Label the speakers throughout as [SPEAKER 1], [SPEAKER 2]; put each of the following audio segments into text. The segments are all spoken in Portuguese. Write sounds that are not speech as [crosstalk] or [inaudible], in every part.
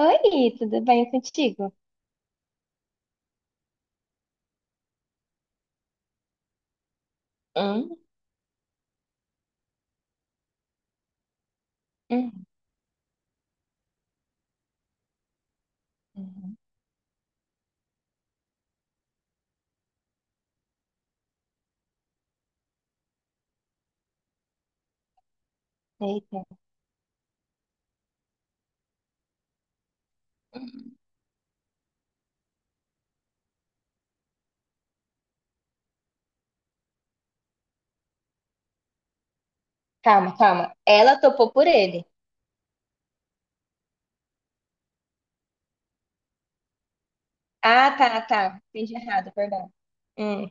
[SPEAKER 1] Oi, tudo bem contigo? Hum, hum, hum, Eita. Hum. Calma, calma. Ela topou por ele. Ah, tá, tá. Fiz errado, perdão. Hum,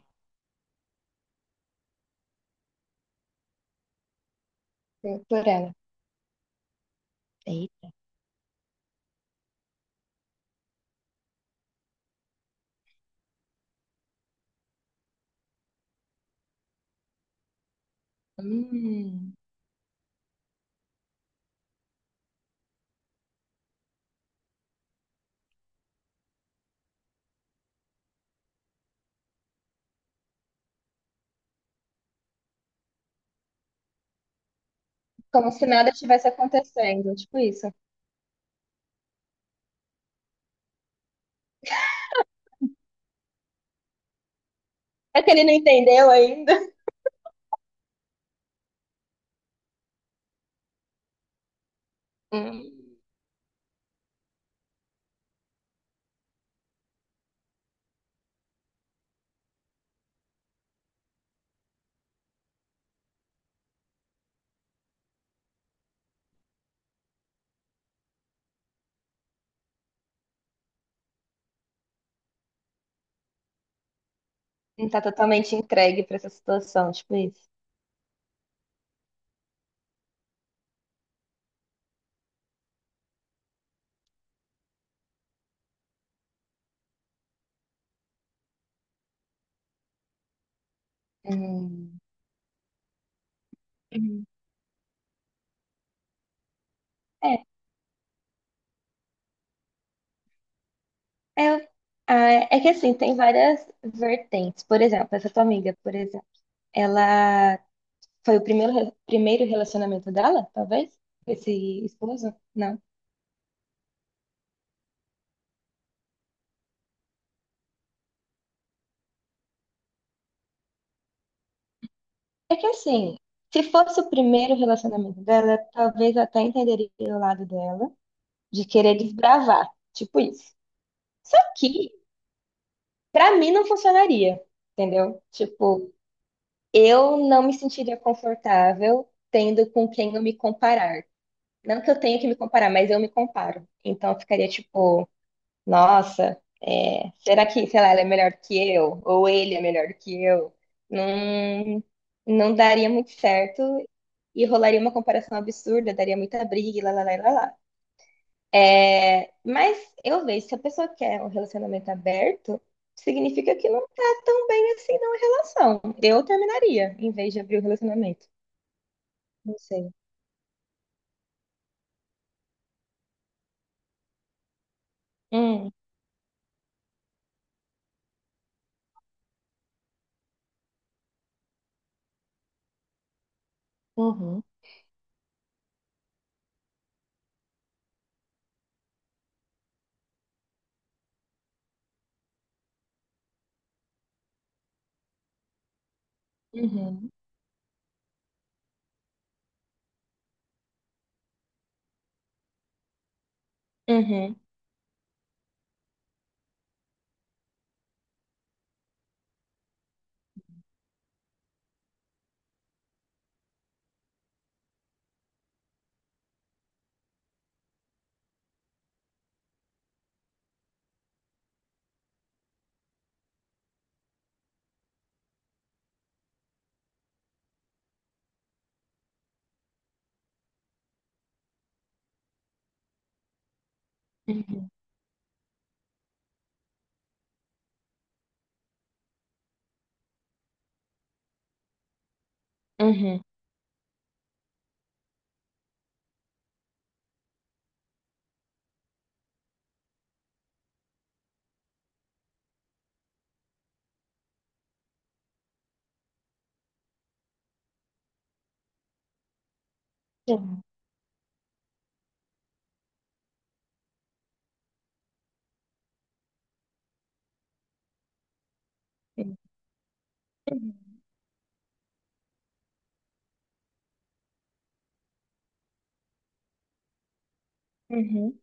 [SPEAKER 1] foi por ela. Eita. Hum, como se nada estivesse acontecendo, tipo isso. É que ele não entendeu ainda. Hum, não tá totalmente entregue pra essa situação, tipo isso. Hum. Hum. É, é, é que assim, tem várias vertentes. Por exemplo, essa tua amiga, por exemplo, ela foi o primeiro relacionamento dela, talvez? Esse esposo? Não. É que assim, se fosse o primeiro relacionamento dela, talvez eu até entenderia o lado dela de querer desbravar, tipo isso. Só que, pra mim, não funcionaria, entendeu? Tipo, eu não me sentiria confortável tendo com quem eu me comparar. Não que eu tenha que me comparar, mas eu me comparo. Então, eu ficaria tipo. Nossa, é, será que, sei lá, ela é melhor que eu? Ou ele é melhor que eu? Não, não daria muito certo e rolaria uma comparação absurda, daria muita briga, e lá, lá, lá, lá, lá. É, mas eu vejo, se a pessoa quer um relacionamento aberto, significa que não tá tão bem assim na relação. Eu terminaria, em vez de abrir o relacionamento. Não sei. Hum, uhum, uhum, uhum, uhum, uhum, uhum, uhum, uhum, uhum.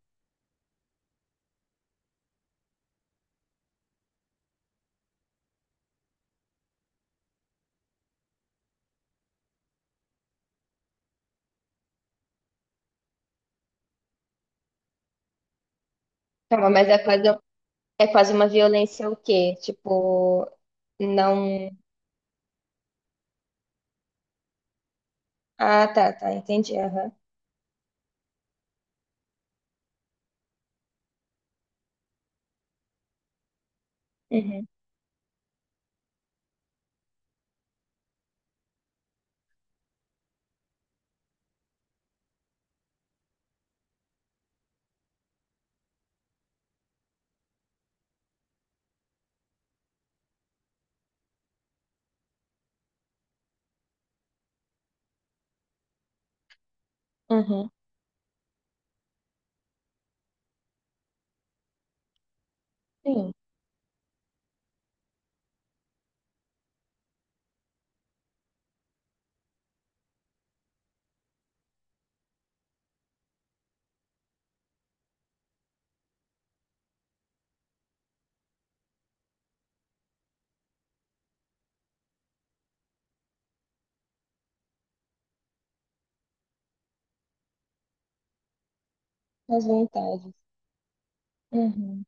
[SPEAKER 1] Calma, mas é quase uma violência o quê? Tipo, não. Ah, tá, tá, entendi. Aham. Uhum. Uhum. Sim, as vontades. Uhum.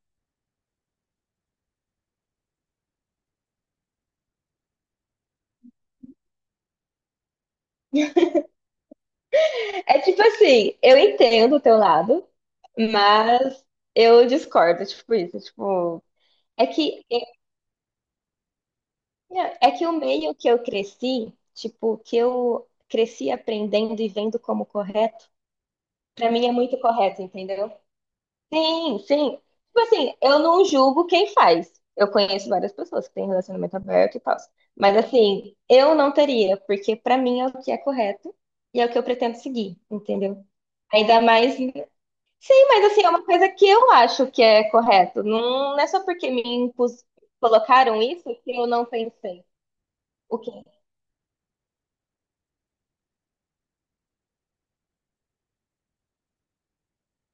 [SPEAKER 1] É tipo assim, eu entendo o teu lado, mas eu discordo, tipo isso, tipo, é que é é que o meio que eu cresci, tipo, que eu cresci aprendendo e vendo como correto, pra mim é muito correto, entendeu? Sim, sim. Tipo assim, eu não julgo quem faz. Eu conheço várias pessoas que têm relacionamento aberto e tal. Mas assim, eu não teria, porque pra mim é o que é correto e é o que eu pretendo seguir, entendeu? Ainda mais. Sim, mas assim, é uma coisa que eu acho que é correto. Não, não é só porque me impus... colocaram isso que eu não pensei. O quê?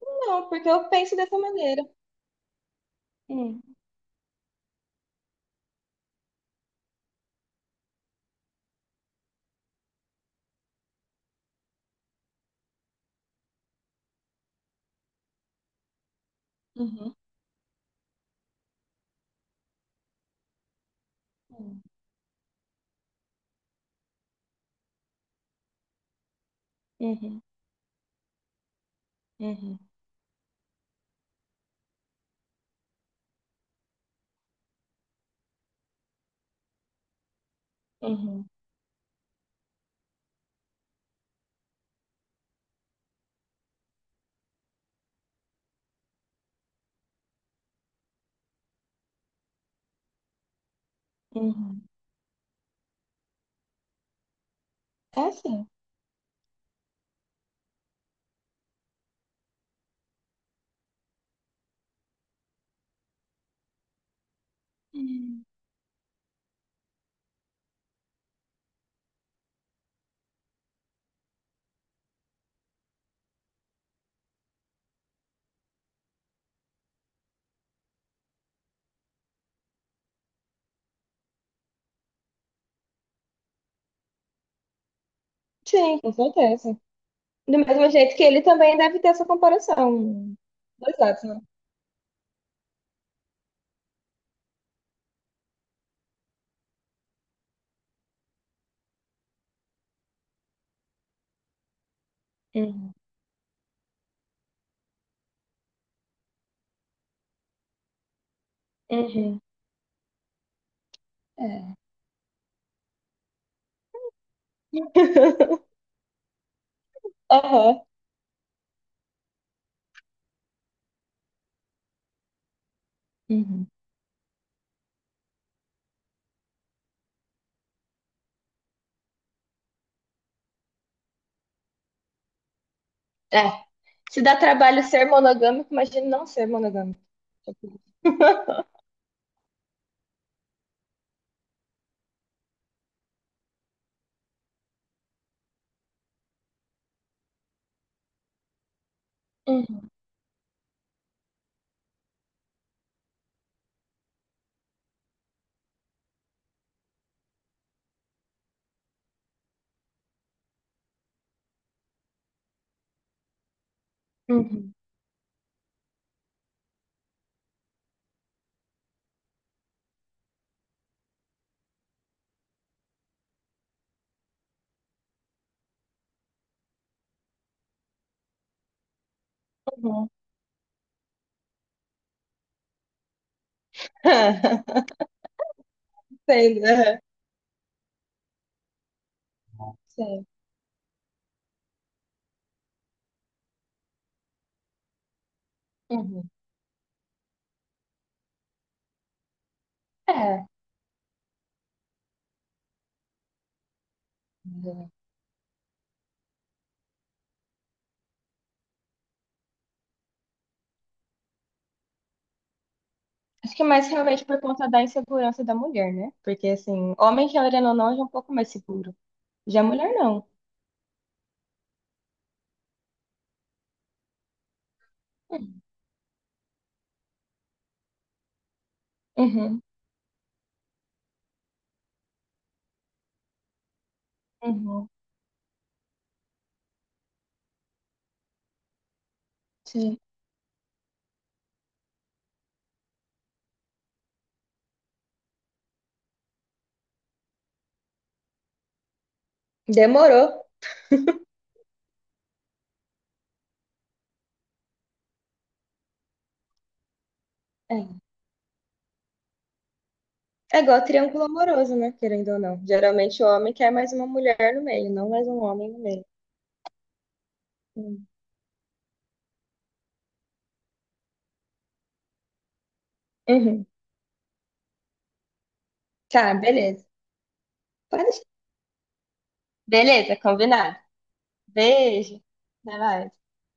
[SPEAKER 1] Não, porque eu penso dessa maneira. Hum, uhum, uhum, uhum, uhum, uhum. É assim. Sim, com certeza. Do mesmo jeito que ele também deve ter essa comparação. Dois lados, né? Uhum. Uhum. É. [laughs] Aham. Uhum. É. Se dá trabalho ser monogâmico, imagina não ser monogâmico. Uhum. Uhum. Uhum. [laughs] Sei, né? Sei. Uhum. É. Uhum. Acho que é mais realmente por conta da insegurança da mulher, né? Porque, assim, homem, querendo ou não, já é um pouco mais seguro. Já mulher, não. Uhum. Uhum. Uhum. Sim. Demorou. É. É igual triângulo amoroso, né? Querendo ou não. Geralmente o homem quer mais uma mulher no meio, não mais um homem no meio. Hum. Uhum. Tá, beleza. Pode... deixar. Beleza, combinado. Beijo. Até mais.